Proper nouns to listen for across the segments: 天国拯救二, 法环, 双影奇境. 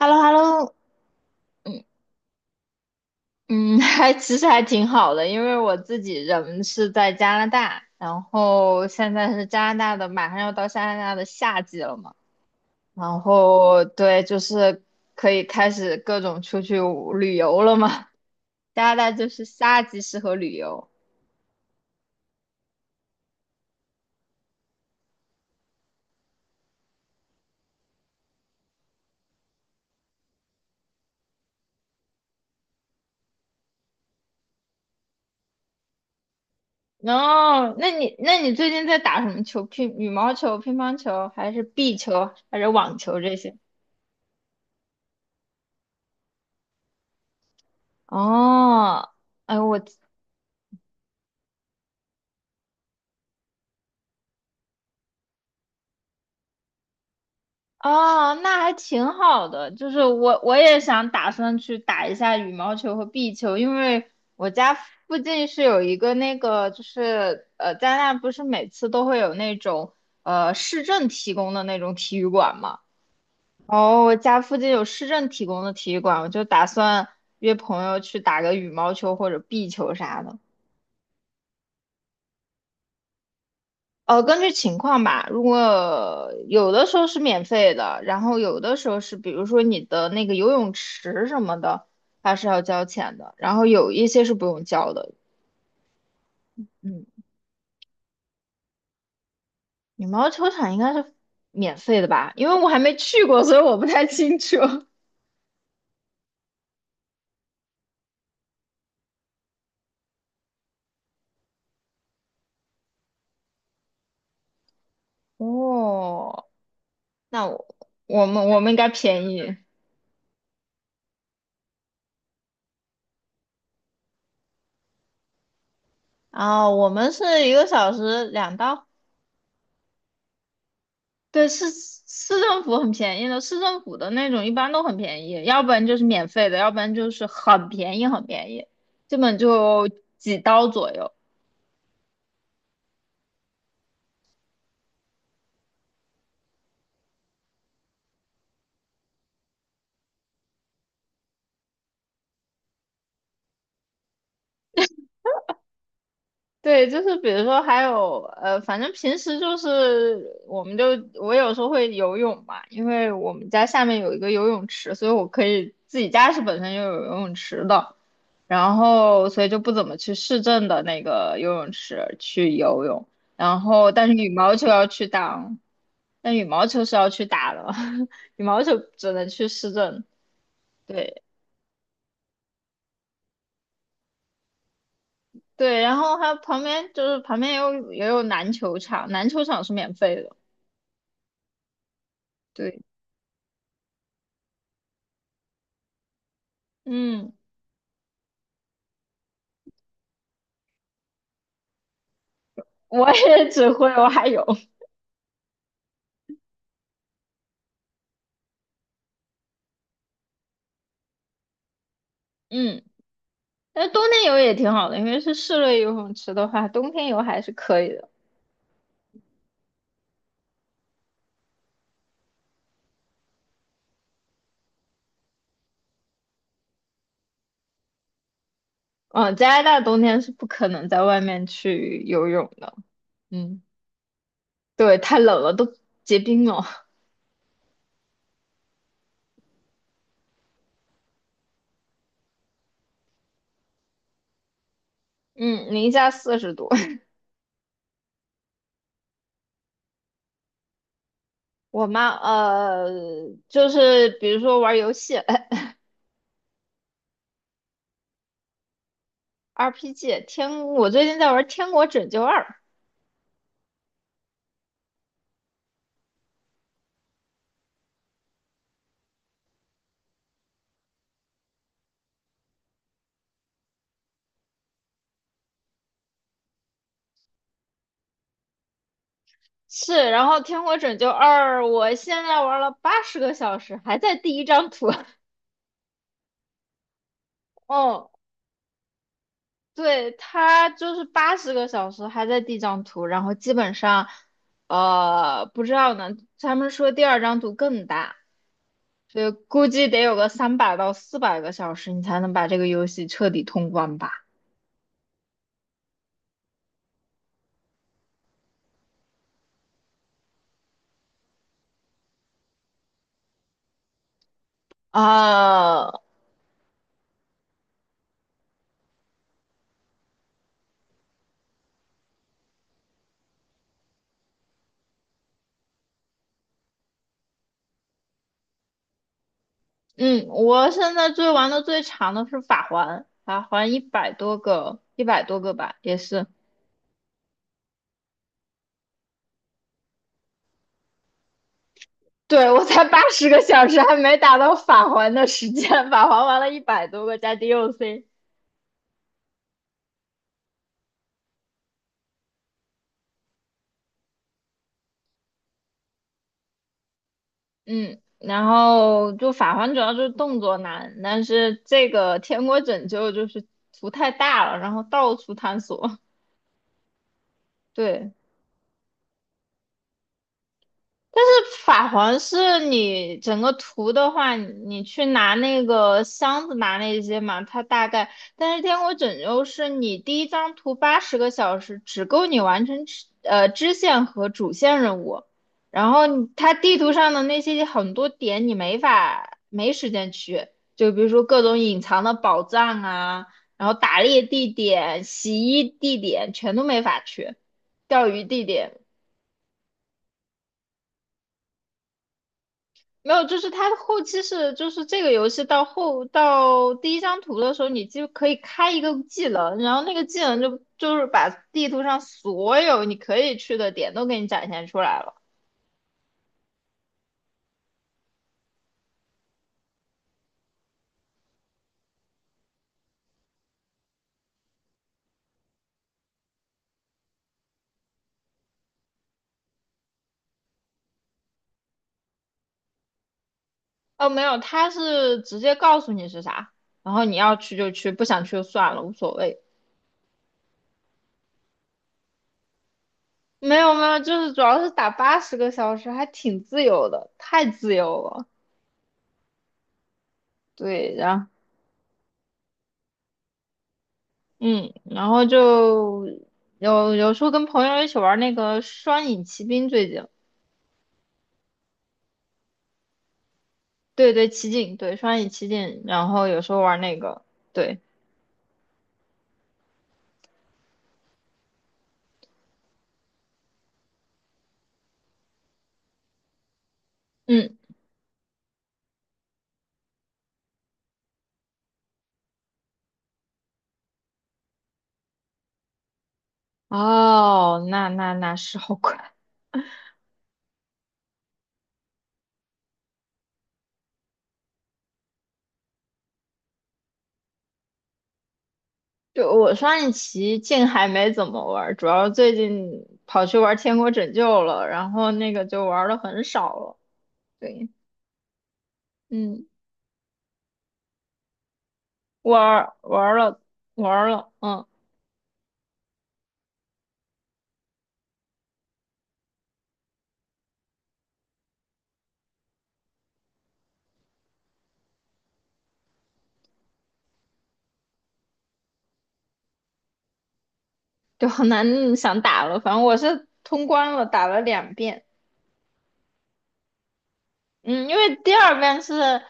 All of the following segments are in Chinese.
h e l l o h e l l o。 嗯嗯，还其实还挺好的，因为我自己人是在加拿大，然后现在是加拿大的，马上要到加拿大的夏季了嘛，然后对，就是可以开始各种出去旅游了嘛。加拿大就是夏季适合旅游。哦，那你最近在打什么球？乒羽毛球、乒乓球，还是壁球，还是网球这些？哦，哎，哦，那还挺好的。就是我也想打算去打一下羽毛球和壁球，因为我家附近是有一个那个，就是加拿大不是每次都会有那种市政提供的那种体育馆嘛。哦，我家附近有市政提供的体育馆，我就打算约朋友去打个羽毛球或者壁球啥的。根据情况吧。如果有的时候是免费的，然后有的时候是，比如说你的那个游泳池什么的，它是要交钱的。然后有一些是不用交的。嗯，羽毛球场应该是免费的吧？因为我还没去过，所以我不太清楚。哦，那我们应该便宜啊，我们是1个小时2刀。对，市政府很便宜的，市政府的那种一般都很便宜，要不然就是免费的，要不然就是很便宜很便宜，基本就几刀左右。对，就是比如说还有反正平时就是我们就我有时候会游泳嘛，因为我们家下面有一个游泳池，所以我可以自己家是本身就有游泳池的，然后所以就不怎么去市政的那个游泳池去游泳，然后但是羽毛球要去打哦，但羽毛球是要去打的。羽毛球只能去市政。对对，然后还有旁边就是旁边也有也有篮球场，篮球场是免费的。对。嗯，我也只会蛙泳。嗯，但冬天游也挺好的，因为是室内游泳池的话，冬天游还是可以的。嗯，加拿大冬天是不可能在外面去游泳的。嗯，对，太冷了，都结冰了。嗯，零下40度。我妈呃，就是比如说玩游戏。 RPG 天，我最近在玩《天国拯救二》。是，然后《天国拯救二》，我现在玩了八十个小时，还在第一张图。哦，对，他就是八十个小时还在第一张图，然后基本上，不知道呢。他们说第二张图更大，所以估计得有个300到400个小时，你才能把这个游戏彻底通关吧？啊、嗯，我现在最玩的最长的是法环，法环一百多个，一百多个吧，也是。对，我才八十个小时，还没达到法环的时间，法环玩了一百多个加 DLC。嗯，然后就法环主要就是动作难，但是这个天国拯救就是图太大了，然后到处探索。对，但是法环是你整个图的话，你去拿那个箱子拿那些嘛，它大概。但是天国拯救是你第一张图八十个小时，只够你完成支线和主线任务。然后你它地图上的那些很多点你没法没时间去，就比如说各种隐藏的宝藏啊，然后打猎地点、洗衣地点全都没法去，钓鱼地点。没有，就是它后期是，就是这个游戏到后到第一张图的时候，你就可以开一个技能，然后那个技能就是把地图上所有你可以去的点都给你展现出来了。哦，没有，它是直接告诉你是啥，然后你要去就去，不想去就算了，无所谓。没有没有，就是主要是打八十个小时，还挺自由的，太自由了。对，然后嗯，然后就有时候跟朋友一起玩那个双影奇兵，最近。对对，奇境对，双影奇境，然后有时候玩那个，对，嗯，哦，那是好快。就我双影奇境还没怎么玩，主要最近跑去玩《天国拯救》了，然后那个就玩的很少了。对，嗯，玩玩了玩了，嗯，就很难想打了。反正我是通关了，打了两遍。嗯，因为第二遍是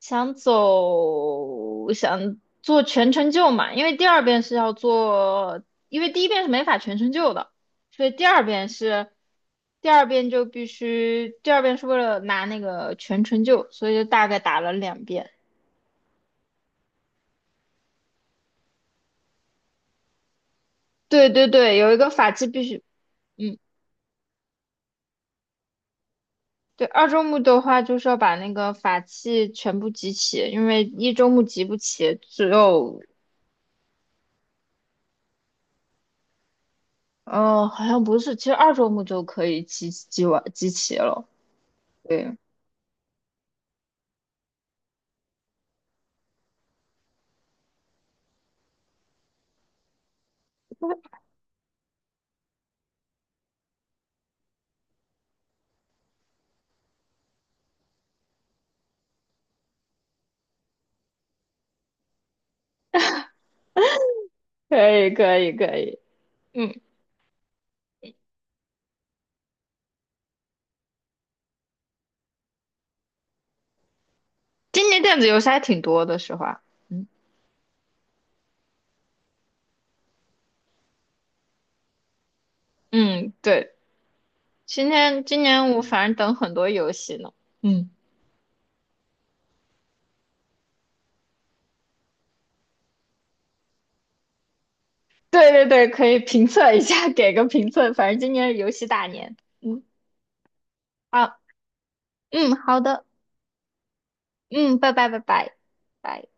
想走，想做全程救嘛，因为第二遍是要做，因为第一遍是没法全程救的，所以第二遍是，第二遍就必须，第二遍是为了拿那个全程救，所以就大概打了两遍。对对对，有一个法器必须，嗯，对，二周目的话就是要把那个法器全部集齐，因为一周目集不齐，只有哦，好像不是，其实二周目就可以集齐了。对，可以，可以，可以。嗯，今年电子游戏还挺多的，实话。嗯，嗯，对，今年我反正等很多游戏呢。嗯，对对对，可以评测一下，给个评测。反正今年是游戏大年。嗯，好，嗯，好的，嗯，拜拜拜拜。拜。